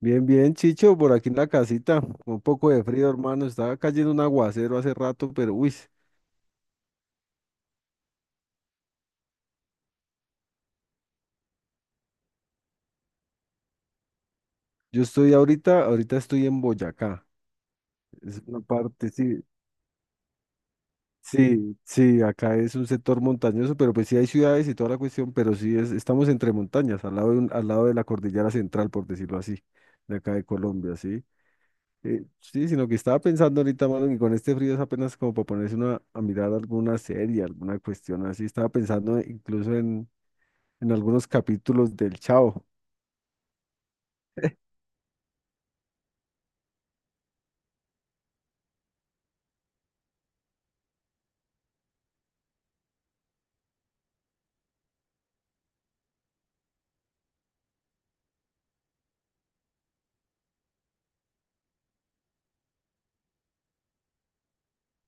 Bien, bien, Chicho, por aquí en la casita, con un poco de frío, hermano, estaba cayendo un aguacero hace rato, pero uy, yo estoy ahorita, ahorita estoy en Boyacá, es una parte, sí, sí, sí, acá es un sector montañoso, pero pues sí hay ciudades y toda la cuestión, pero sí es, estamos entre montañas, al lado de, al lado de la cordillera central, por decirlo así, de acá de Colombia, sí. Sí, sino que estaba pensando ahorita, mano, que con este frío es apenas como para ponerse una, a mirar alguna serie, alguna cuestión así, estaba pensando incluso en algunos capítulos del Chavo.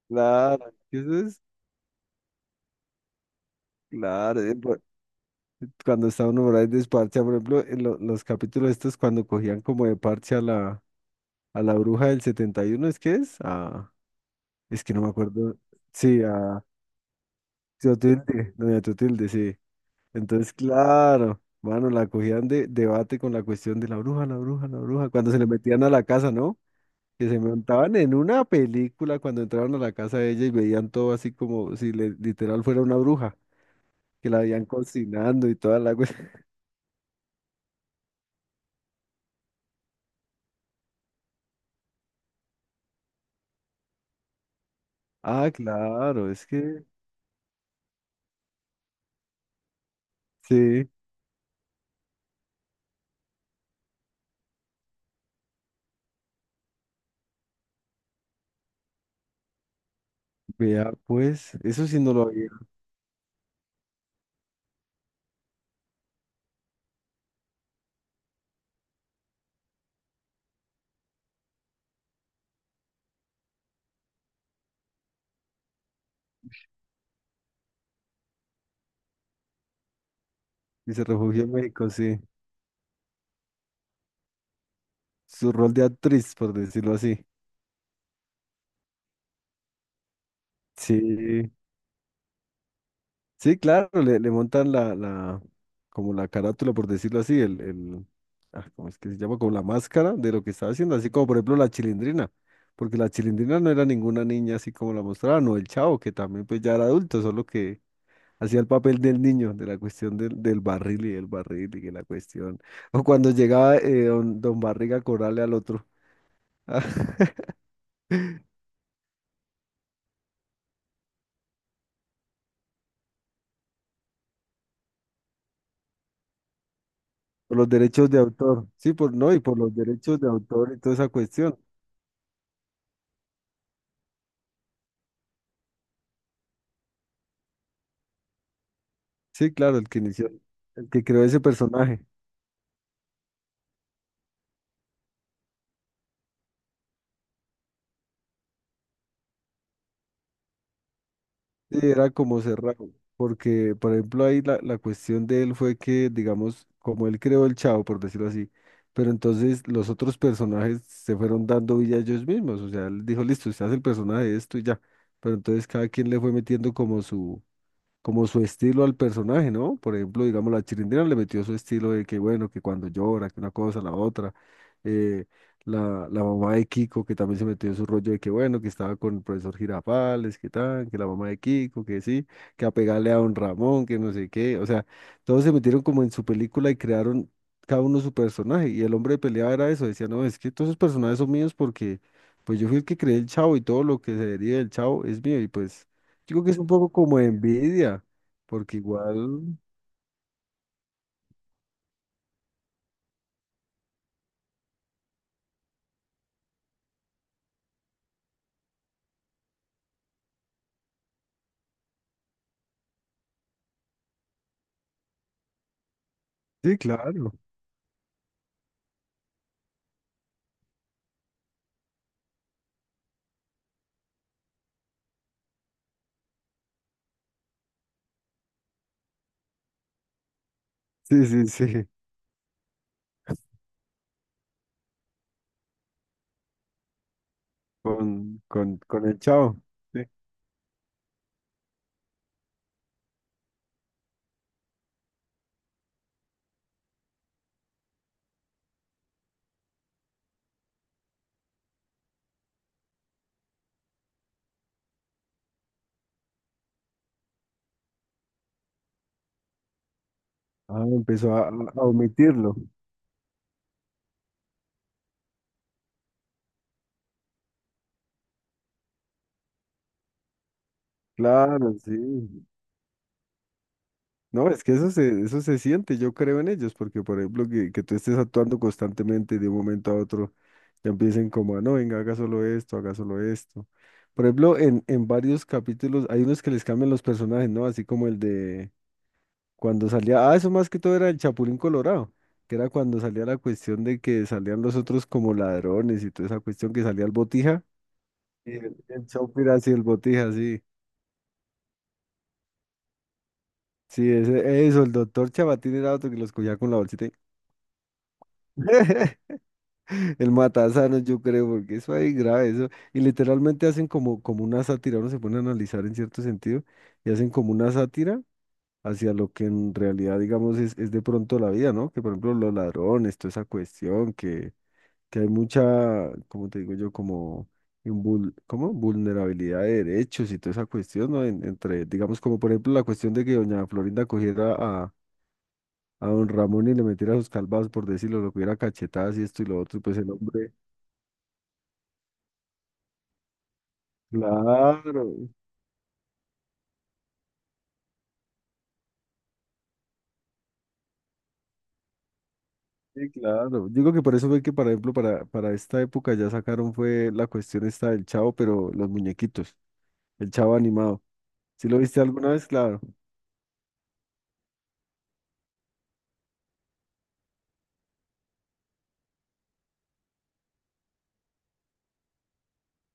Claro, eso es claro. Cuando está uno por ahí desparchado, por ejemplo, en los capítulos estos cuando cogían como de parche a la bruja del 71, ¿es que es? Ah, es que no me acuerdo. Sí, a Teotilde, doña Teotilde, sí. Entonces, claro, mano, la cogían de debate con la cuestión de la bruja, la bruja, la bruja, cuando se le metían a la casa, ¿no? Que se montaban en una película cuando entraron a la casa de ella y veían todo así como si le- literal fuera una bruja, que la habían cocinando y toda la cuestión. Ah, claro, es que sí, vea, pues, eso sí no lo había. Y se refugió en México, sí. Su rol de actriz, por decirlo así. Sí, sí, claro, le montan la, como la carátula, por decirlo así, el, ah, ¿cómo es que se llama? Como la máscara de lo que estaba haciendo, así como por ejemplo la Chilindrina, porque la Chilindrina no era ninguna niña así como la mostraban, o el Chavo, que también pues ya era adulto, solo que hacía el papel del niño, de la cuestión del barril y el barril y que la cuestión. O cuando llegaba don Barriga a cobrarle al otro. Por los derechos de autor. Sí, por no, y por los derechos de autor y toda esa cuestión. Sí, claro, el que inició, el que creó ese personaje. Sí, era como cerrado, porque por ejemplo ahí la cuestión de él fue que, digamos, como él creó el Chavo, por decirlo así, pero entonces los otros personajes se fueron dando vida a ellos mismos, o sea, él dijo, listo, usted hace el personaje de esto y ya, pero entonces cada quien le fue metiendo como como su estilo al personaje, ¿no? Por ejemplo, digamos, la Chilindrina le metió su estilo de que, bueno, que cuando llora, que una cosa, la otra. Eh, la mamá de Kiko, que también se metió en su rollo de que, bueno, que estaba con el profesor Girafales, que tal, que la mamá de Kiko, que sí, que a pegarle a don Ramón, que no sé qué. O sea, todos se metieron como en su película y crearon cada uno su personaje. Y el hombre de pelea era eso, decía, no, es que todos esos personajes son míos porque, pues yo fui el que creé el Chavo y todo lo que se deriva del Chavo es mío y pues... Digo que es un poco como envidia, porque igual, sí, claro, sí, sí, sí, con el chavo, sí. Ah, empezó a omitirlo, claro, sí. No, es que eso se siente, yo creo en ellos, porque por ejemplo, que tú estés actuando constantemente de un momento a otro, ya empiecen como, a, no, venga, haga solo esto, haga solo esto. Por ejemplo, en varios capítulos hay unos que les cambian los personajes, ¿no? Así como el de... Cuando salía, ah, eso más que todo era el Chapulín Colorado, que era cuando salía la cuestión de que salían los otros como ladrones y toda esa cuestión que salía el Botija. Y el Chopper así, el Botija, sí. Sí, ese, eso, el doctor Chabatín era otro que los cogía con la bolsita, y- el matasanos, yo creo, porque eso ahí grave, eso. Y literalmente hacen como, como una sátira, uno se pone a analizar en cierto sentido, y hacen como una sátira hacia lo que en realidad, digamos, es de pronto la vida, ¿no? Que por ejemplo los ladrones, toda esa cuestión, que hay mucha, como te digo yo, como, ¿cómo? Vulnerabilidad de derechos y toda esa cuestión, ¿no? Entre, digamos, como por ejemplo la cuestión de que doña Florinda cogiera a don Ramón y le metiera sus calvas, por decirlo, lo cogiera a cachetadas y esto y lo otro, y pues el hombre, claro, sí, claro. Digo que por eso fue que, por ejemplo, para esta época ya sacaron fue la cuestión esta del Chavo, pero los muñequitos, el Chavo animado. ¿Sí lo viste alguna vez? Claro.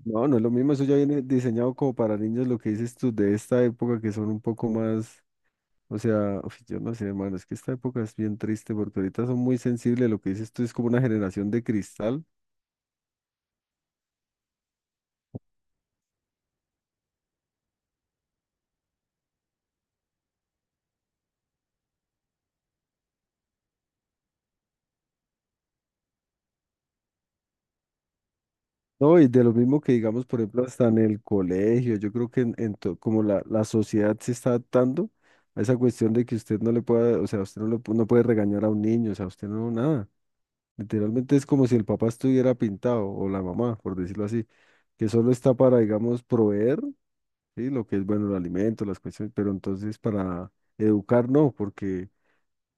No, no es lo mismo, eso ya viene diseñado como para niños, lo que dices tú de esta época que son un poco más, o sea, uf, yo no sé, hermano, es que esta época es bien triste porque ahorita son muy sensibles, lo que dices tú es como una generación de cristal, ¿no? Y de lo mismo que digamos, por ejemplo, hasta en el colegio, yo creo que en, como la sociedad se está adaptando a esa cuestión de que usted no le pueda, o sea, usted no, no puede regañar a un niño, o sea, usted no, nada. Literalmente es como si el papá estuviera pintado o la mamá, por decirlo así, que solo está para, digamos, proveer. Sí, lo que es bueno, el alimento, las cuestiones, pero entonces para educar no, porque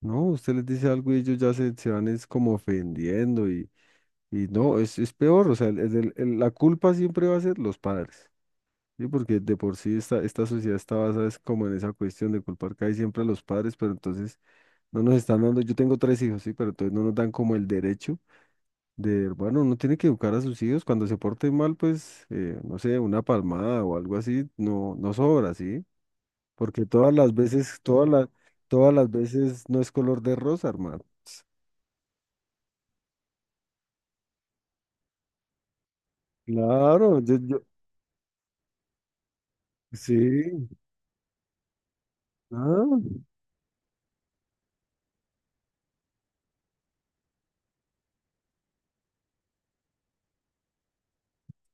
no, usted les dice algo y ellos ya se van es como ofendiendo y no, es peor, o sea, la culpa siempre va a ser los padres, ¿sí? Porque de por sí esta sociedad está basada es como en esa cuestión de culpar casi siempre a los padres, pero entonces no nos están dando, yo tengo tres hijos, sí, pero entonces no nos dan como el derecho de, bueno, uno tiene que educar a sus hijos, cuando se porten mal, pues, no sé, una palmada o algo así, no, no sobra, ¿sí? Porque todas las veces, todas las veces no es color de rosa, hermano. Claro, yo, sí, ah,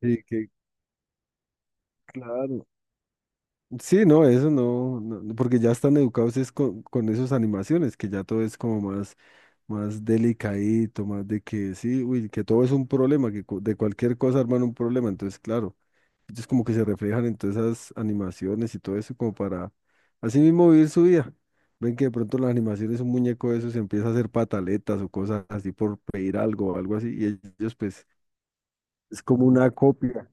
sí, que claro. Sí, no, eso no, no, no, porque ya están educados es con esas animaciones, que ya todo es como más, más delicadito, más de que sí, uy, que todo es un problema, de cualquier cosa arman un problema, entonces claro. Ellos como que se reflejan en todas esas animaciones y todo eso como para así mismo vivir su vida. Ven que de pronto las animaciones, un muñeco de esos empieza a hacer pataletas o cosas así por pedir algo o algo así y ellos pues es como una copia.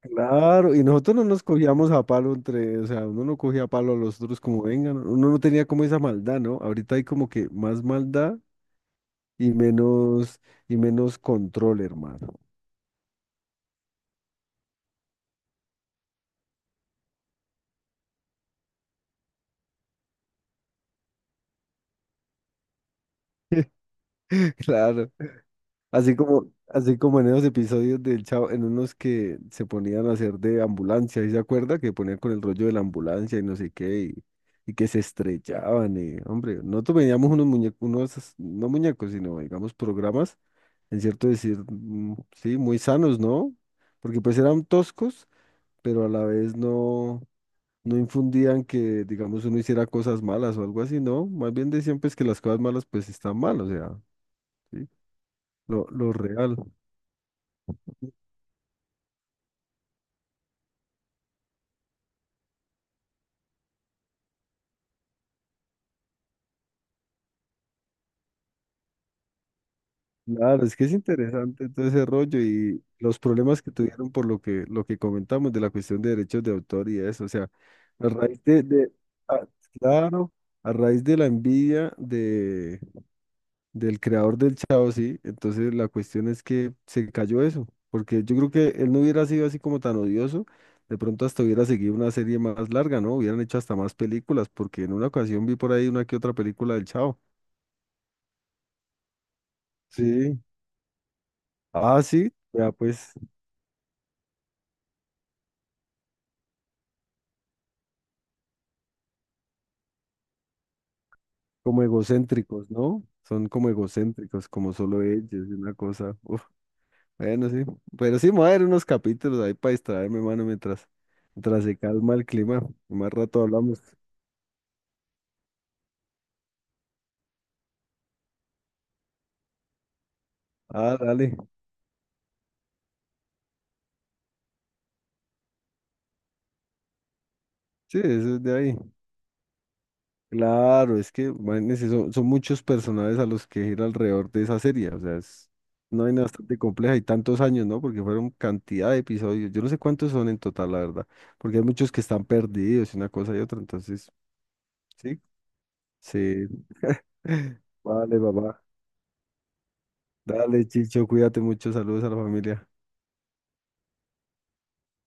Claro, y nosotros no nos cogíamos a palo entre, o sea, uno no cogía a palo a los otros como vengan, uno no tenía como esa maldad, ¿no? Ahorita hay como que más maldad y menos y menos control, hermano. Claro, así como, así como en esos episodios del Chavo, en unos que se ponían a hacer de ambulancia, ¿y se acuerda? Que ponían con el rollo de la ambulancia y no sé qué, y que se estrellaban, y, hombre, nosotros veíamos unos muñecos, unos, no muñecos, sino, digamos, programas, en cierto decir, mm, sí, muy sanos, ¿no? Porque pues eran toscos, pero a la vez no, no infundían que, digamos, uno hiciera cosas malas o algo así, ¿no? Más bien decían pues que las cosas malas pues están mal, o sea, ¿sí? Lo real. Claro, es que es interesante todo ese rollo y los problemas que tuvieron por lo que comentamos de la cuestión de derechos de autor y eso, o sea, a raíz de- a- claro, a raíz de la envidia de, del creador del Chao, sí, entonces la cuestión es que se cayó eso, porque yo creo que él no hubiera sido así como tan odioso, de pronto hasta hubiera seguido una serie más larga, ¿no? Hubieran hecho hasta más películas, porque en una ocasión vi por ahí una que otra película del Chao. Sí. Ah, sí, ya pues. Como egocéntricos, ¿no? Son como egocéntricos, como solo ellos, y una cosa. Uf, bueno, sí. Pero sí, me voy a ver unos capítulos ahí para distraerme, mano, mientras, mientras se calma el clima. Más rato hablamos. Ah, dale. Sí, eso es de ahí. Claro, es que imagínense, son, son muchos personajes a los que gira alrededor de esa serie. O sea, es una vaina bastante compleja y tantos años, ¿no? Porque fueron cantidad de episodios. Yo no sé cuántos son en total, la verdad. Porque hay muchos que están perdidos y una cosa y otra. Entonces, sí, sí. Vale, papá. Dale, Chicho, cuídate mucho. Saludos a la familia.